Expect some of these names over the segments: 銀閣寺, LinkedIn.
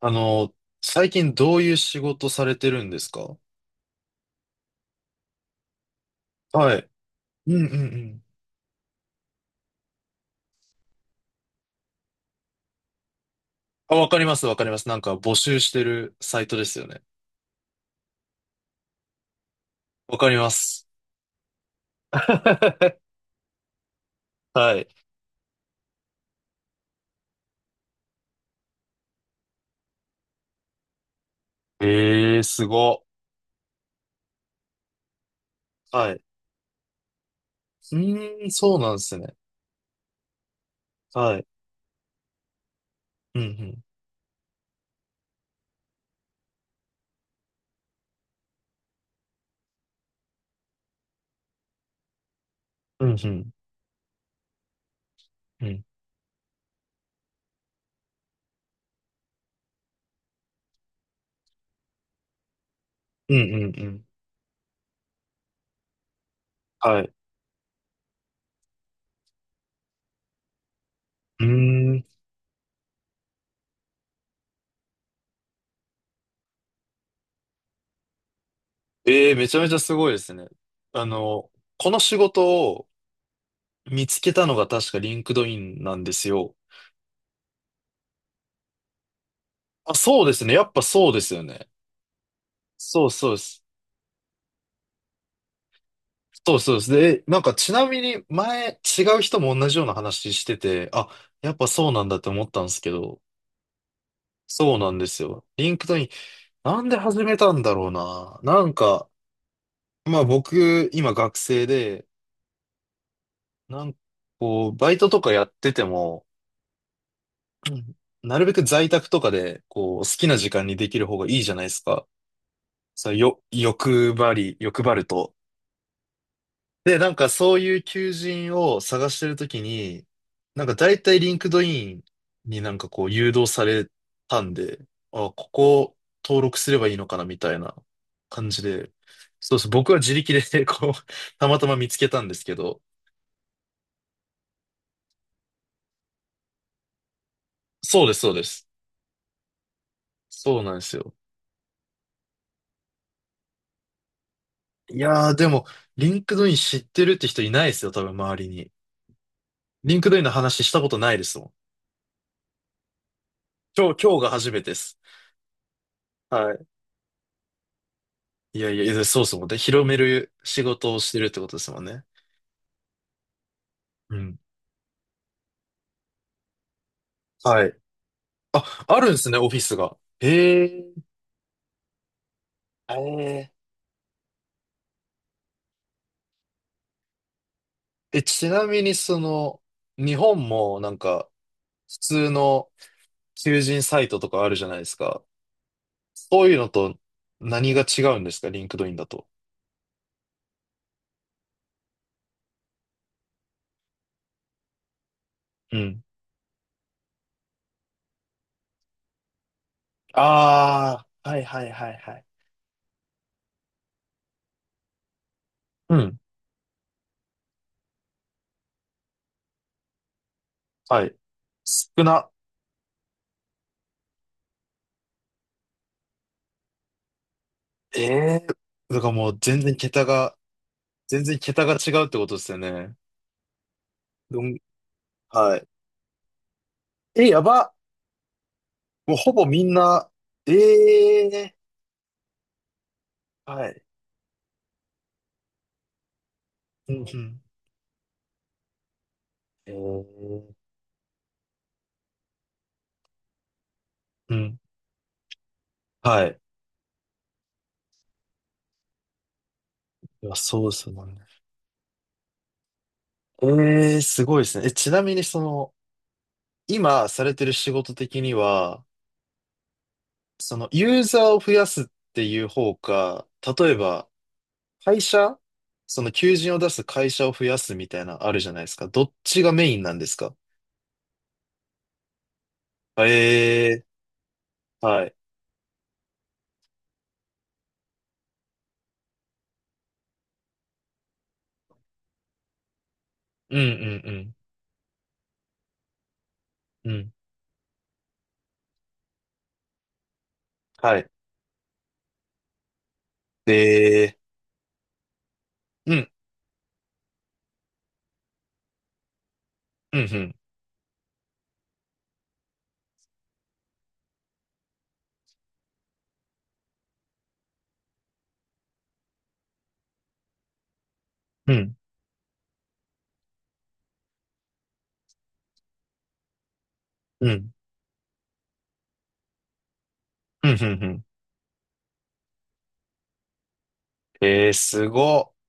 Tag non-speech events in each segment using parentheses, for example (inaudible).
あの、最近どういう仕事されてるんですか？はい。うんうんうん。あ、わかりますわかります。なんか募集してるサイトですよね。わかります。(laughs) はい。えー、すご。はい。うーん、そうなんですね。はい。うんうん。うんうん。うん。うんうんうん。はい。うーん。えー、めちゃめちゃすごいですね。あの、この仕事を見つけたのが確かリンクドインなんですよ。あ、そうですね。やっぱそうですよね。そうそうです。そうそうです。で、ちなみに前違う人も同じような話してて、あ、やっぱそうなんだって思ったんですけど、そうなんですよ。リンクトイン、なんで始めたんだろうな。まあ僕、今学生で、なんかこう、バイトとかやってても、うん、なるべく在宅とかで、こう、好きな時間にできる方がいいじゃないですか。そう、よ、欲張り、欲張ると。で、そういう求人を探してるときに、大体リンクドインにこう誘導されたんで、あ、ここ登録すればいいのかなみたいな感じで、そうです。僕は自力で (laughs) こう、(laughs) たまたま見つけたんですけど、そうです、そうです。そうなんですよ。いやー、でも、リンクドイン知ってるって人いないですよ、多分周りに。リンクドインの話したことないですもん。今日、今日が初めてです。はい。いやいや、いやそうですもんで、広める仕事をしてるってことですもんね。うん。はい。あ、あるんですね、オフィスが。へえ。えー、え、ちなみにその、日本も普通の求人サイトとかあるじゃないですか。そういうのと何が違うんですか、リンクドインだと？うん。ああ、はいはいはいはい。うん。はい。少な。ええ。だからもう全然桁が、全然桁が違うってことですよね。どん。はい。え、やば。もうほぼみんな、ええ、はい。うんうん。ええ、うん。はい。いや、そうですもんね。ええ、すごいですね。え、ちなみにその、今されてる仕事的には、その、ユーザーを増やすっていう方か、例えば、会社、その、求人を出す会社を増やすみたいな、あるじゃないですか。どっちがメインなんですか？ええ、はい。うんうんうん。うん。はい。で、うん、うん、うん、うん、うん。うんうんうん。えー、すごっ。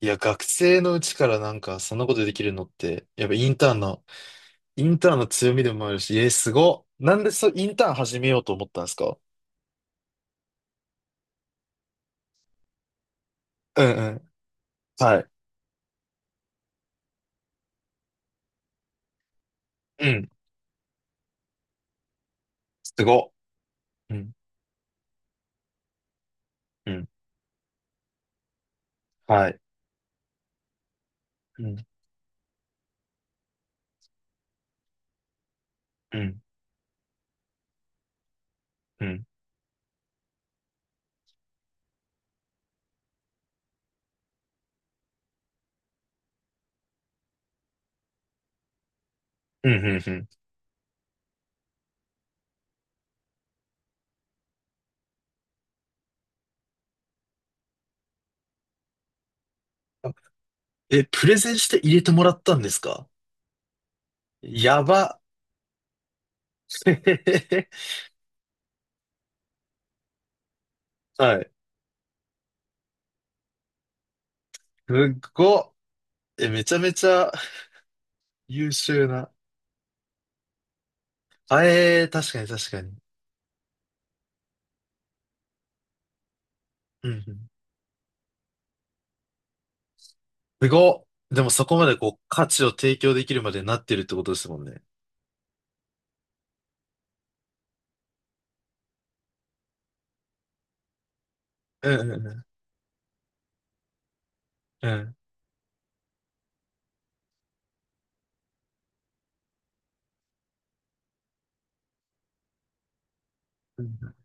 いや、学生のうちからそんなことできるのって、やっぱインターンの、インターンの強みでもあるし、えー、すごっ。なんでそう、インターン始めようと思ったんですか？うんうん。はい。うん。すごっ。うん。うん。はい。うん。うん。うん。うん。うん。うん、あ、え、プレゼンして入れてもらったんですか？やば。(laughs) へへへ、はい。すっごっ。え、めちゃめちゃ優秀な。あ、えー、確かに確かに。うんうん。すごっ。でもそこまでこう価値を提供できるまでなってるってことですもんね。うんうんうん。うんうん、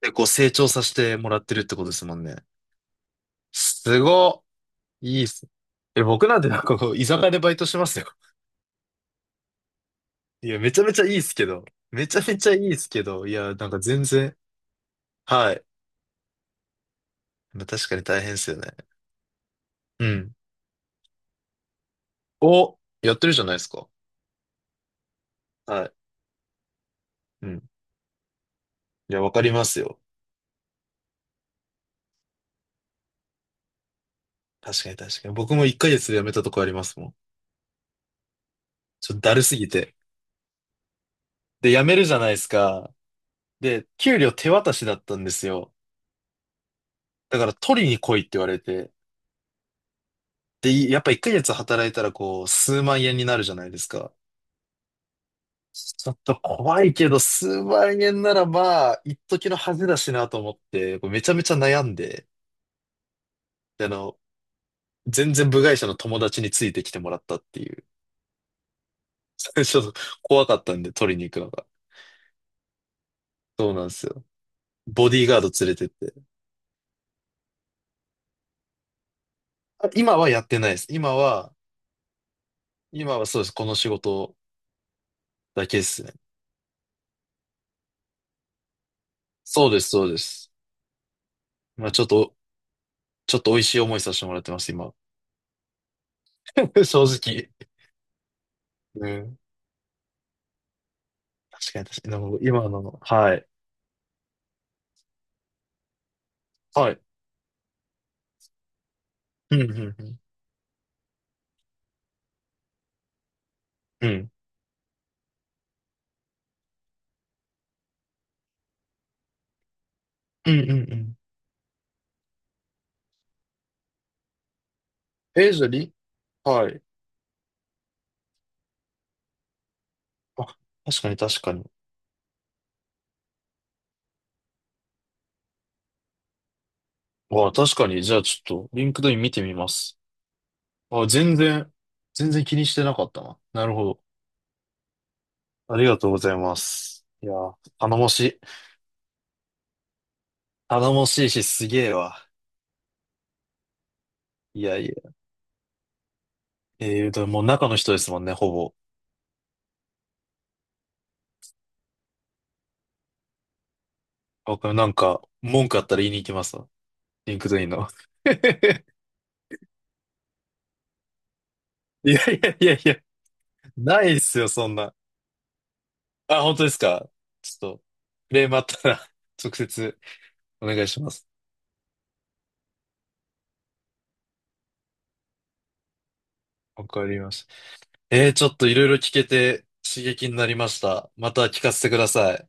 で、こう成長させてもらってるってことですもんね。すごっ。いいっす。え、僕なんてこう、居酒屋でバイトしてますよ。いや、めちゃめちゃいいっすけど。めちゃめちゃいいっすけど。いや、なんか全然。はい。まあ確かに大変っすよね。うん。お、やってるじゃないですか。はい。うん。いや、わかりますよ。確かに確かに。僕も1ヶ月で辞めたとこありますもん。ちょっとだるすぎて。で、辞めるじゃないですか。で、給料手渡しだったんですよ。だから取りに来いって言われて。で、いやっぱ1ヶ月働いたらこう、数万円になるじゃないですか。ちょっと怖いけど、数万円ならまあ、一時の恥だしなと思って、こうめちゃめちゃ悩んで、で、全然部外者の友達についてきてもらったっていう。(laughs) 最初、怖かったんで取りに行くのが。そうなんですよ。ボディーガード連れてって。あ、今はやってないです。今は、今はそうです。この仕事だけですね。そうです、そうです。まあちょっとちょっと美味しい思いさせてもらってます、今。(laughs) 正直。うん。確かに確かに。でも今の、はい。はい。うん、うん、うん。うん。うん、うん、うん。えー、じゃあリ、はい。あ、確かに確かに。わあ、確かに。じゃあちょっと、リンクドイン見てみます。あ、全然、全然気にしてなかったな。なるほど。ありがとうございます。いやー、頼もしい。頼もしいし、すげえわ。いやいや。えー、でももう中の人ですもんね、ほぼ。わかる、文句あったら言いに行きますわ。リンクドインの。(laughs) いやいやいやいや、ないっすよ、そんな。あ、本当ですか？ちょっと、クレームあったら (laughs) 直接お願いします。わかりました。えー、ちょっといろいろ聞けて刺激になりました。また聞かせてください。